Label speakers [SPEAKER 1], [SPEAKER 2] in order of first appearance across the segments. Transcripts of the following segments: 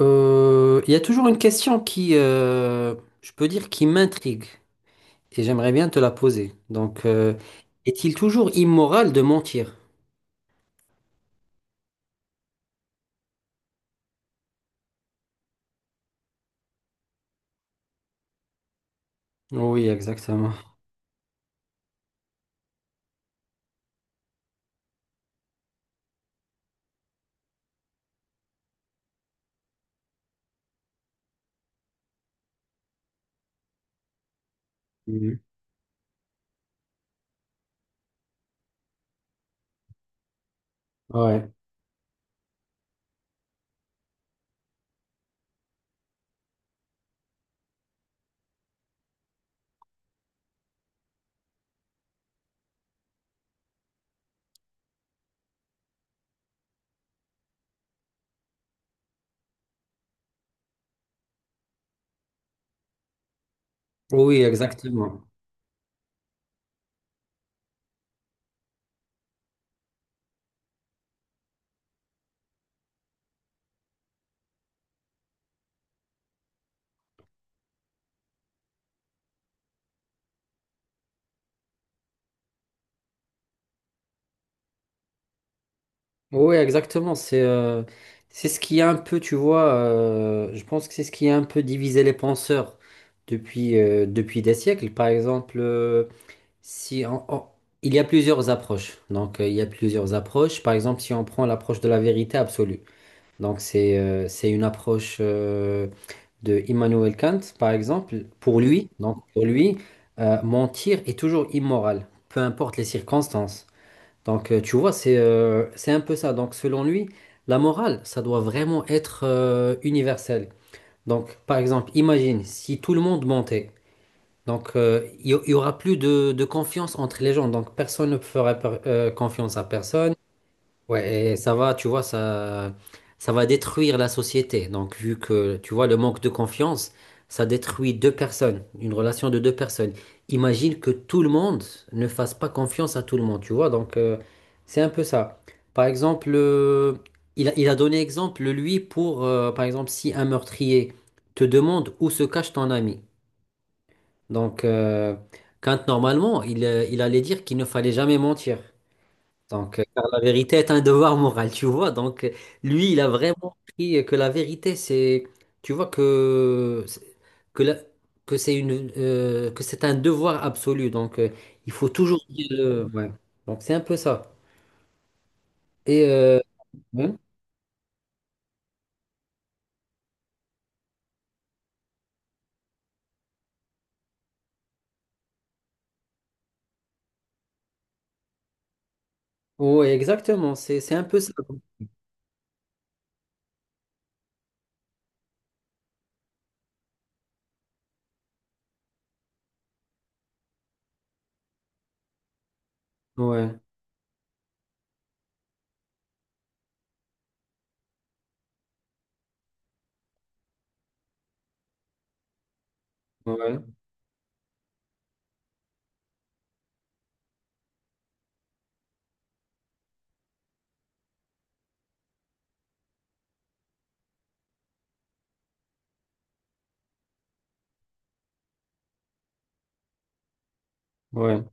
[SPEAKER 1] Il y a toujours une question qui, je peux dire, qui m'intrigue et j'aimerais bien te la poser. Est-il toujours immoral de mentir? Oui, exactement. Mhm. Ouais. Oui, exactement. Oui, exactement. C'est ce qui a un peu, tu vois, je pense que c'est ce qui a un peu divisé les penseurs depuis, depuis des siècles. Par exemple, si on- on- il y a plusieurs approches. Il y a plusieurs approches. Par exemple, si on prend l'approche de la vérité absolue. C'est une approche de Immanuel Kant, par exemple. Pour lui, mentir est toujours immoral, peu importe les circonstances. Tu vois, c'est un peu ça. Donc selon lui, la morale, ça doit vraiment être universel. Donc par exemple, imagine si tout le monde mentait. Donc il y aura plus de confiance entre les gens. Donc personne ne fera confiance à personne. Ouais, et ça va, tu vois, ça va détruire la société. Donc, vu que, tu vois, le manque de confiance, ça détruit deux personnes, une relation de deux personnes. Imagine que tout le monde ne fasse pas confiance à tout le monde, tu vois. C'est un peu ça. Par exemple, il a donné exemple, lui, pour, par exemple, si un meurtrier te demande où se cache ton ami. Donc, euh, quand normalement, il allait dire qu'il ne fallait jamais mentir. Car la vérité est un devoir moral, tu vois. Lui, il a vraiment pris que la vérité, c'est, tu vois que la- que c'est une que c'est un devoir absolu. Il faut toujours dire le, ouais. Donc, c'est un peu ça. Et euh, ouais. Ouais, exactement. C'est un peu ça. Ouais, ouais, ouais,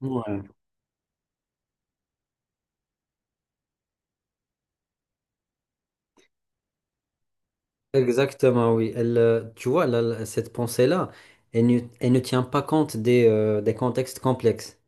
[SPEAKER 1] ouais. Exactement, oui. Tu vois, cette pensée-là, elle ne tient pas compte des contextes complexes.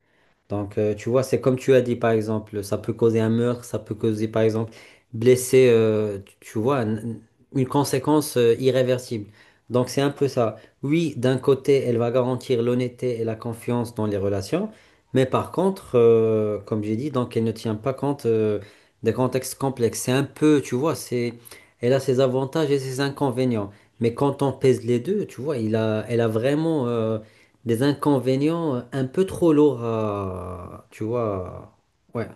[SPEAKER 1] Tu vois, c'est comme tu as dit, par exemple, ça peut causer un meurtre, ça peut causer, par exemple, blesser, tu vois, une conséquence irréversible. Donc, c'est un peu ça. Oui, d'un côté, elle va garantir l'honnêteté et la confiance dans les relations, mais par contre, comme j'ai dit, donc, elle ne tient pas compte des contextes complexes. C'est un peu, tu vois, c'est, elle a ses avantages et ses inconvénients. Mais quand on pèse les deux, tu vois, elle a vraiment... des inconvénients un peu trop lourds à, tu vois. Ouais.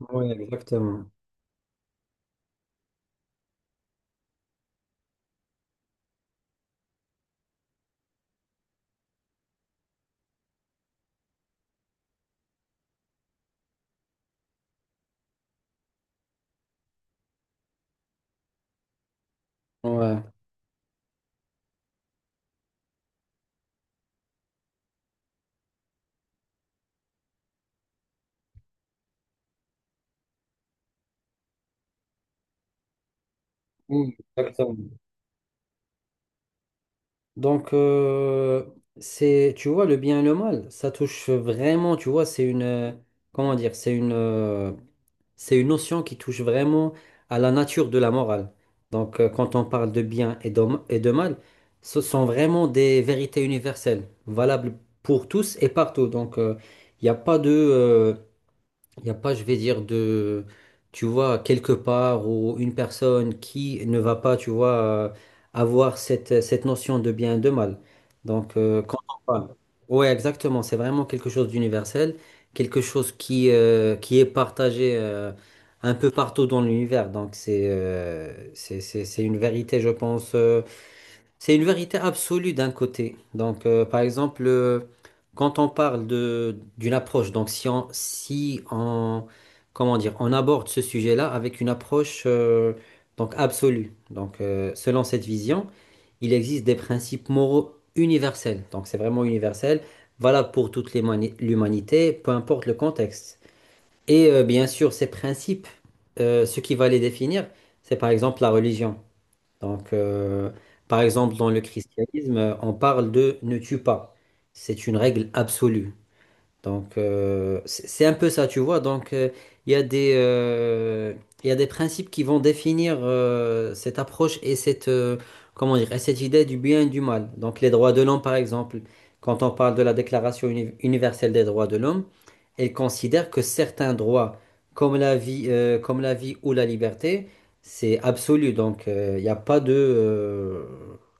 [SPEAKER 1] Ouais, exactement. Ouais. Mm, exactement. Donc, euh, c'est, tu vois, le bien et le mal, ça touche vraiment, tu vois, comment dire, c'est une notion qui touche vraiment à la nature de la morale. Quand on parle de bien et de mal, ce sont vraiment des vérités universelles, valables pour tous et partout. Il n'y a pas il n'y a pas, je vais dire, de, tu vois, quelque part ou une personne qui ne va pas, tu vois, avoir cette notion de bien et de mal. Quand on parle. Ouais, exactement. C'est vraiment quelque chose d'universel, quelque chose qui est partagé un peu partout dans l'univers. Donc c'est une vérité, je pense, c'est une vérité absolue d'un côté. Par exemple, quand on parle de d'une approche, donc si on, comment dire, on aborde ce sujet-là avec une approche donc absolue. Selon cette vision, il existe des principes moraux universels. Donc, c'est vraiment universel, valable pour toute l'humanité, peu importe le contexte. Bien sûr, ces principes, ce qui va les définir, c'est par exemple la religion. Donc, euh, par exemple, dans le christianisme, on parle de ne tue pas. C'est une règle absolue. C'est un peu ça, tu vois. Il y a il y a des principes qui vont définir cette approche et comment dire, et cette idée du bien et du mal. Donc, les droits de l'homme, par exemple, quand on parle de la Déclaration universelle des droits de l'homme, elle considère que certains droits, comme la vie ou la liberté, c'est absolu. Il n'y a pas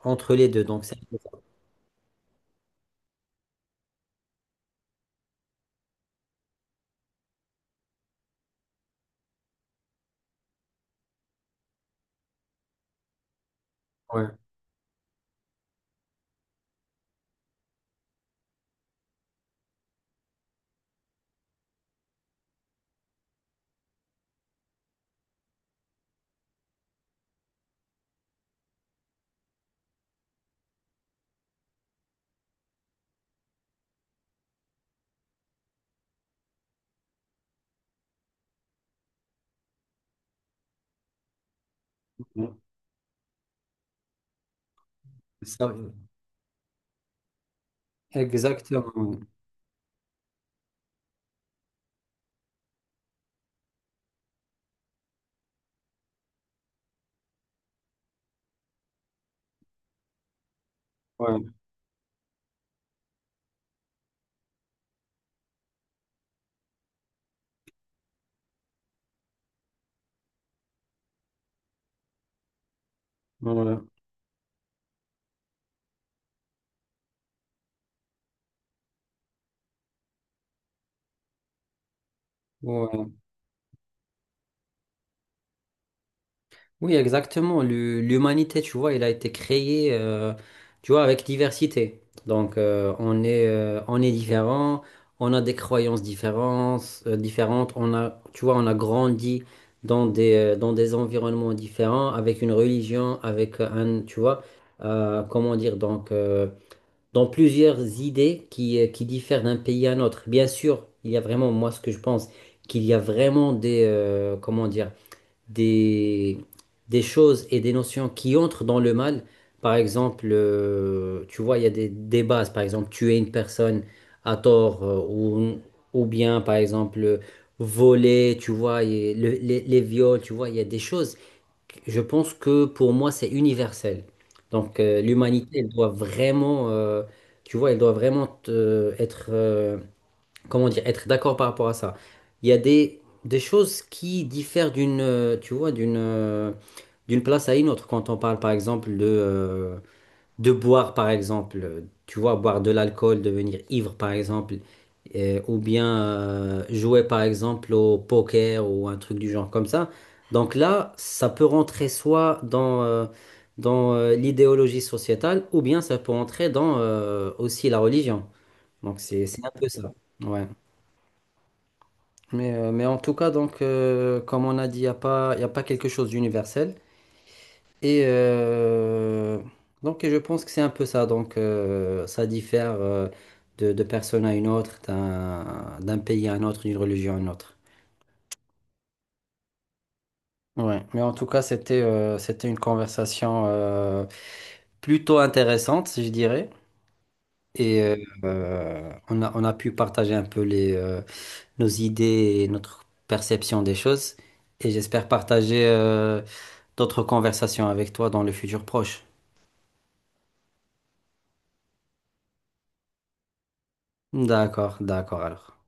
[SPEAKER 1] entre les deux. Donc, c'est un peu ça. Ouais. Ouais. Ça, exactement. Ouais. Ouais, ouais. Oui, exactement. L'humanité, tu vois, il a été créé, tu vois, avec diversité. On est différent, on a des croyances différentes, différentes. On a, tu vois, on a grandi dans des environnements différents, avec une religion, avec un, tu vois, comment dire, dans plusieurs idées qui diffèrent d'un pays à un autre. Bien sûr, il y a vraiment, moi, ce que je pense, qu'il y a vraiment des, comment dire. Des, des choses et des notions qui entrent dans le mal. Par exemple, tu vois, il y a des bases. Par exemple, tuer une personne à tort ou bien, par exemple, voler, tu vois, et les viols, tu vois, il y a des choses. Je pense que pour moi, c'est universel. L'humanité, elle doit vraiment, tu vois, elle doit vraiment être comment dire, être d'accord par rapport à ça. Il y a des choses qui diffèrent d'une, tu vois, d'une place à une autre. Quand on parle, par exemple, de boire, par exemple, tu vois, boire de l'alcool, devenir ivre, par exemple, ou bien jouer, par exemple, au poker ou un truc du genre comme ça. Donc là, ça peut rentrer soit dans l'idéologie sociétale, ou bien ça peut rentrer dans aussi la religion. Donc c'est un peu ça. Ouais. Mais en tout cas, comme on a dit, il n'y a pas, y a pas quelque chose d'universel. Et euh, donc, et je pense que c'est un peu ça. Ça diffère de personne à une autre, d'un pays à un autre, d'une religion à une autre. Ouais. Mais en tout cas, c'était une conversation plutôt intéressante, je dirais. Et euh, on a pu partager un peu les, nos idées et notre perception des choses. Et j'espère partager. D'autres conversations avec toi dans le futur proche. D'accord, d'accord alors.